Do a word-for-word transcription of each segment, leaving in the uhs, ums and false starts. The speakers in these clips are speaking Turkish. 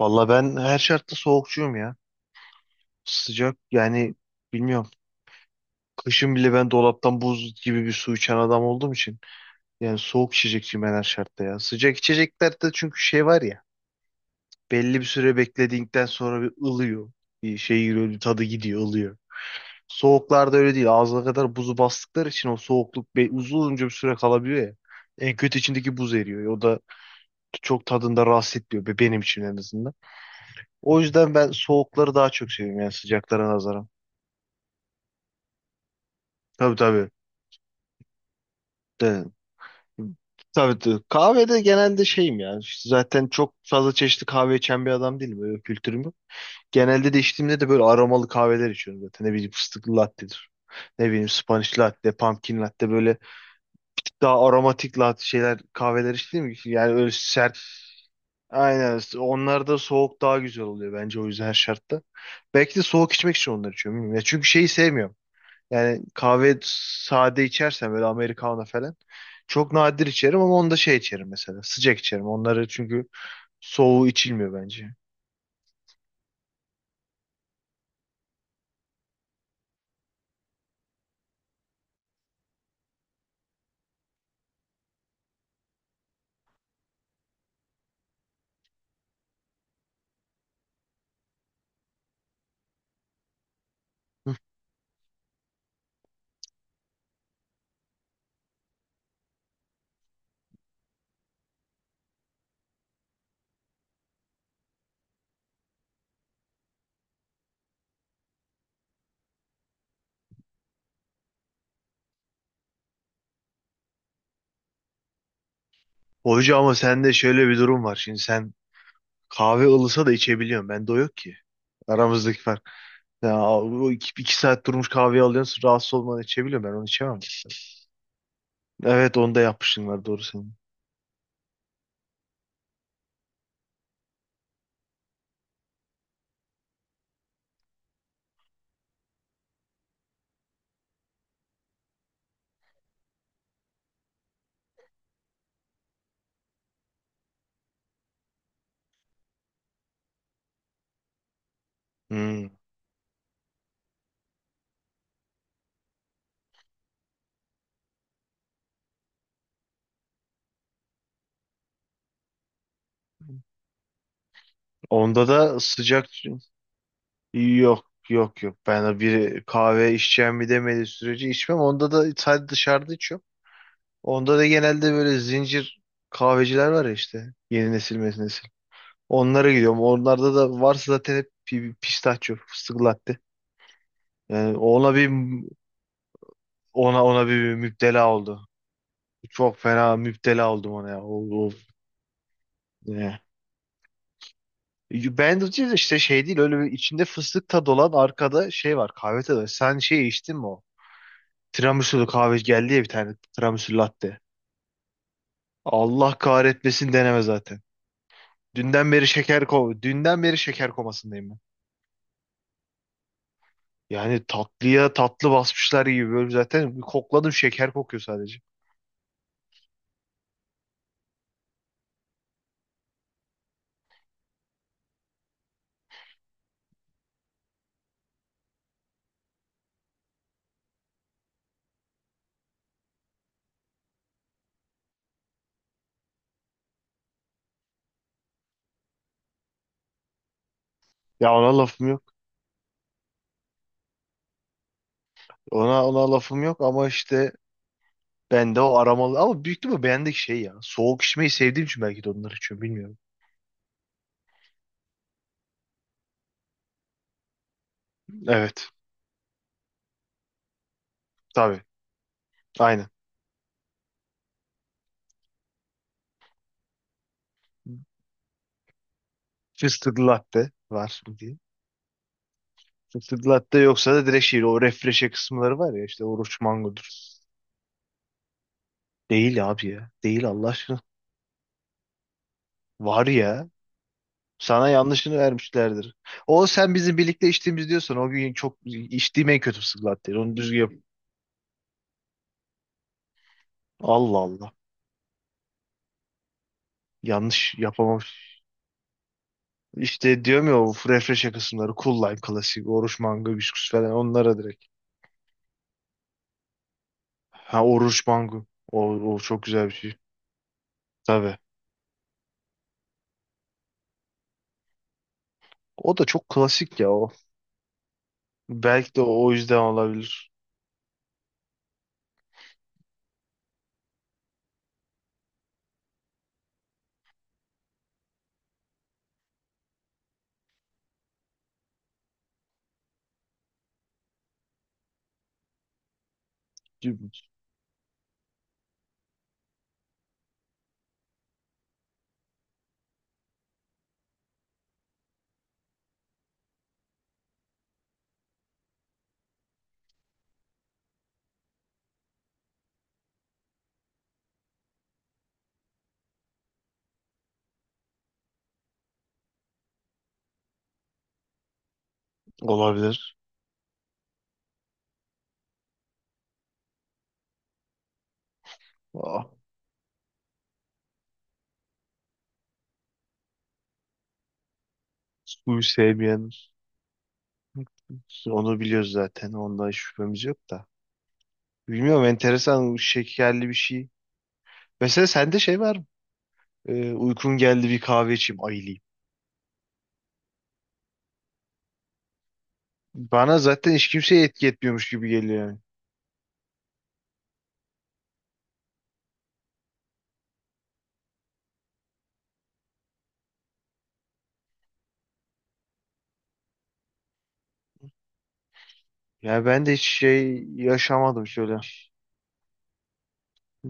Valla ben her şartta soğukçuyum ya. Sıcak yani bilmiyorum. Kışın bile ben dolaptan buz gibi bir su içen adam olduğum için. Yani soğuk içecekçiyim ben her şartta ya. Sıcak içeceklerde çünkü şey var ya. Belli bir süre beklediğinden sonra bir ılıyor. Bir şey giriyor, bir tadı gidiyor, ılıyor. Soğuklarda öyle değil. Ağzına kadar buzu bastıkları için o soğukluk be- uzunca bir süre kalabiliyor ya. En kötü içindeki buz eriyor. O da çok tadında rahatsız etmiyor, be- benim için en azından. O yüzden ben soğukları daha çok seviyorum yani sıcaklara nazaran. Tabii, tabii. De, tabii de. Kahvede genelde şeyim ya. Zaten çok fazla çeşitli kahve içen bir adam değilim. Öyle bir kültürüm yok. Genelde de içtiğimde de böyle aromalı kahveler içiyorum zaten. Ne bileyim, fıstıklı latte'dir. Ne bileyim Spanish latte, pumpkin latte, böyle daha aromatik latte şeyler, kahveler içtiğim için yani öyle sert. Aynen. Onlar da soğuk daha güzel oluyor bence, o yüzden her şartta. Belki de soğuk içmek için onları içiyorum, bilmiyorum. Ya çünkü şeyi sevmiyorum. Yani kahve sade içersem böyle Americano falan. Çok nadir içerim ama onda şey içerim mesela. Sıcak içerim. Onları çünkü soğuğu içilmiyor bence. Hı. Hoca, ama sende şöyle bir durum var. Şimdi sen kahve ılısa da içebiliyorsun. Bende o yok ki. Aramızdaki fark. Ya, o iki, iki saat durmuş kahveyi alıyorsun. Rahatsız olmadan içebiliyorum. Ben onu içemem mesela. Evet, onda yapmışsın var, doğru senin. Hmm. Onda da sıcak. Yok, yok, yok. Ben de bir kahve içeceğim bir demediği sürece içmem. Onda da sadece dışarıda içiyorum. Onda da genelde böyle zincir kahveciler var ya işte. Yeni nesil mezi nesil. Onlara gidiyorum. Onlarda da varsa zaten hep pi- pistachio, fıstık latte. Yani ona bir, ona ona bir müptela oldu. Çok fena müptela oldum ona ya. O, o, ne? Ben de işte şey değil, öyle bir içinde fıstık tadı olan, arkada şey var kahve tadı. Sen şey içtin mi o? Tiramisu'lu kahve geldi ya bir tane. Tiramisu latte. Allah kahretmesin, deneme zaten. Dünden beri şeker ko Dünden beri şeker komasındayım ben. Yani tatlıya tatlı basmışlar gibi böyle, zaten bir kokladım, şeker kokuyor sadece. Ya, ona lafım yok. Ona ona lafım yok ama işte bende o aromalı ama büyük ihtimalle beğendik şey ya. Soğuk içmeyi sevdiğim için belki de onları içiyorum, bilmiyorum. Evet, tabii, aynen. Fıstıklı latte var mı diye. Fıstıklı latte yoksa da direkt şey, o refreshe kısımları var ya işte, oruç mangodur. Değil abi ya. Değil Allah aşkına. Var ya. Sana yanlışını vermişlerdir. O sen bizim birlikte içtiğimiz diyorsan, o gün çok içtiğim en kötü fısık latte. Onu düzgün yap. Allah Allah. Yanlış yapamamış. İşte diyorum ya, o refresh kısımları. Cool Lime klasik. Oruç mango bisküs falan, onlara direkt. Ha, oruç mango. O, o çok güzel bir şey. Tabii. O da çok klasik ya o. Belki de o yüzden olabilir. Olabilir. Ah, suyu sevmeyen. Onu biliyoruz zaten. Onda hiç şüphemiz yok da. Bilmiyorum, enteresan, şekerli bir şey. Mesela sende şey var mı? Ee, uykum geldi, bir kahve içeyim, ayılayım. Bana zaten hiç kimseye etki etmiyormuş gibi geliyor yani. Yani ben de hiç şey yaşamadım şöyle.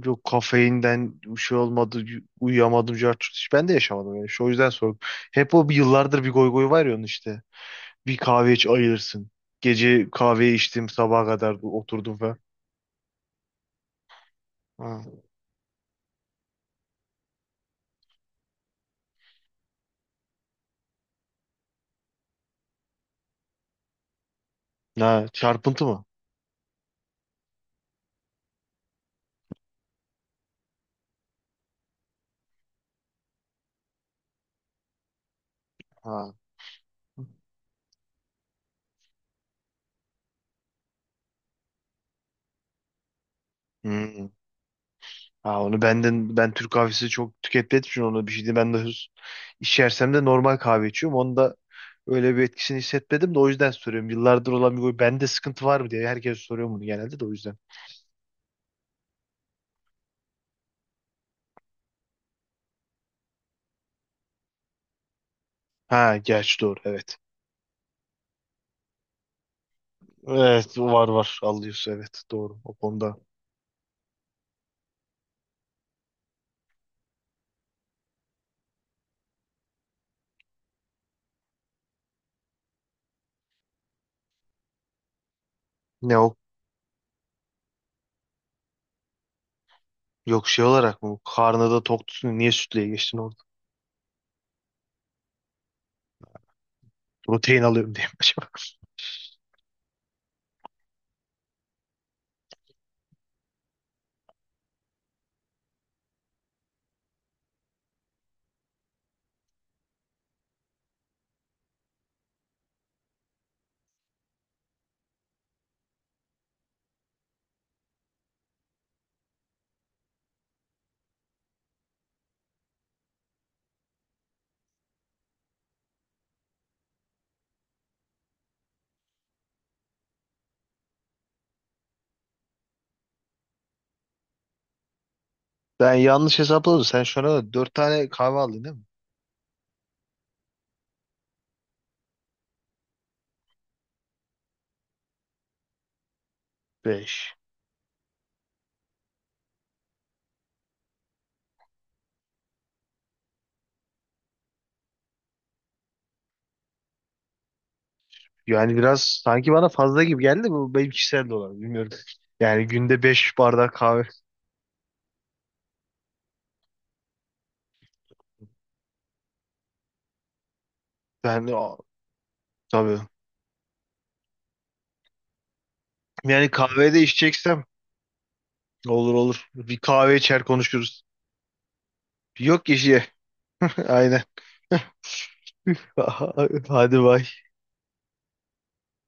Yok kafeinden bir şey olmadı, y- uyuyamadım, cart curt. Hiç ben de yaşamadım yani. Şu o yüzden sordum. Hep o, bir yıllardır bir goy goy var ya onun işte. Bir kahve iç, ayılırsın. Gece kahveyi içtim, sabaha kadar oturdum falan. Ha. Ha, çarpıntı mı? Ha. Hmm. Ha, onu benden, ben Türk kahvesi çok tükettiğim için onu bir şey değil. Ben de hız, içersem de normal kahve içiyorum. Onda öyle bir etkisini hissetmedim, de o yüzden soruyorum. Yıllardır olan bir huy bende, sıkıntı var mı diye herkes soruyor bunu genelde, de o yüzden. Ha, gerçi doğru, evet. Evet, var, var, alıyorsun, evet, doğru o konuda. Ne o? Yok şey olarak mı? Karnı da tok tutsun. Niye sütlüye geçtin? Protein alıyorum diye mi acaba? Ben yanlış hesapladım. Sen şu ana kadar dört tane kahve aldın değil mi? Beş. Yani biraz sanki bana fazla gibi geldi. Bu benim kişisel de olabilir, bilmiyorum. Yani günde beş bardak kahve. Ben de- aa, tabii. Yani kahve de içeceksem olur, olur. Bir kahve içer, konuşuruz. Yok kişiye. Aynen. Hadi bay.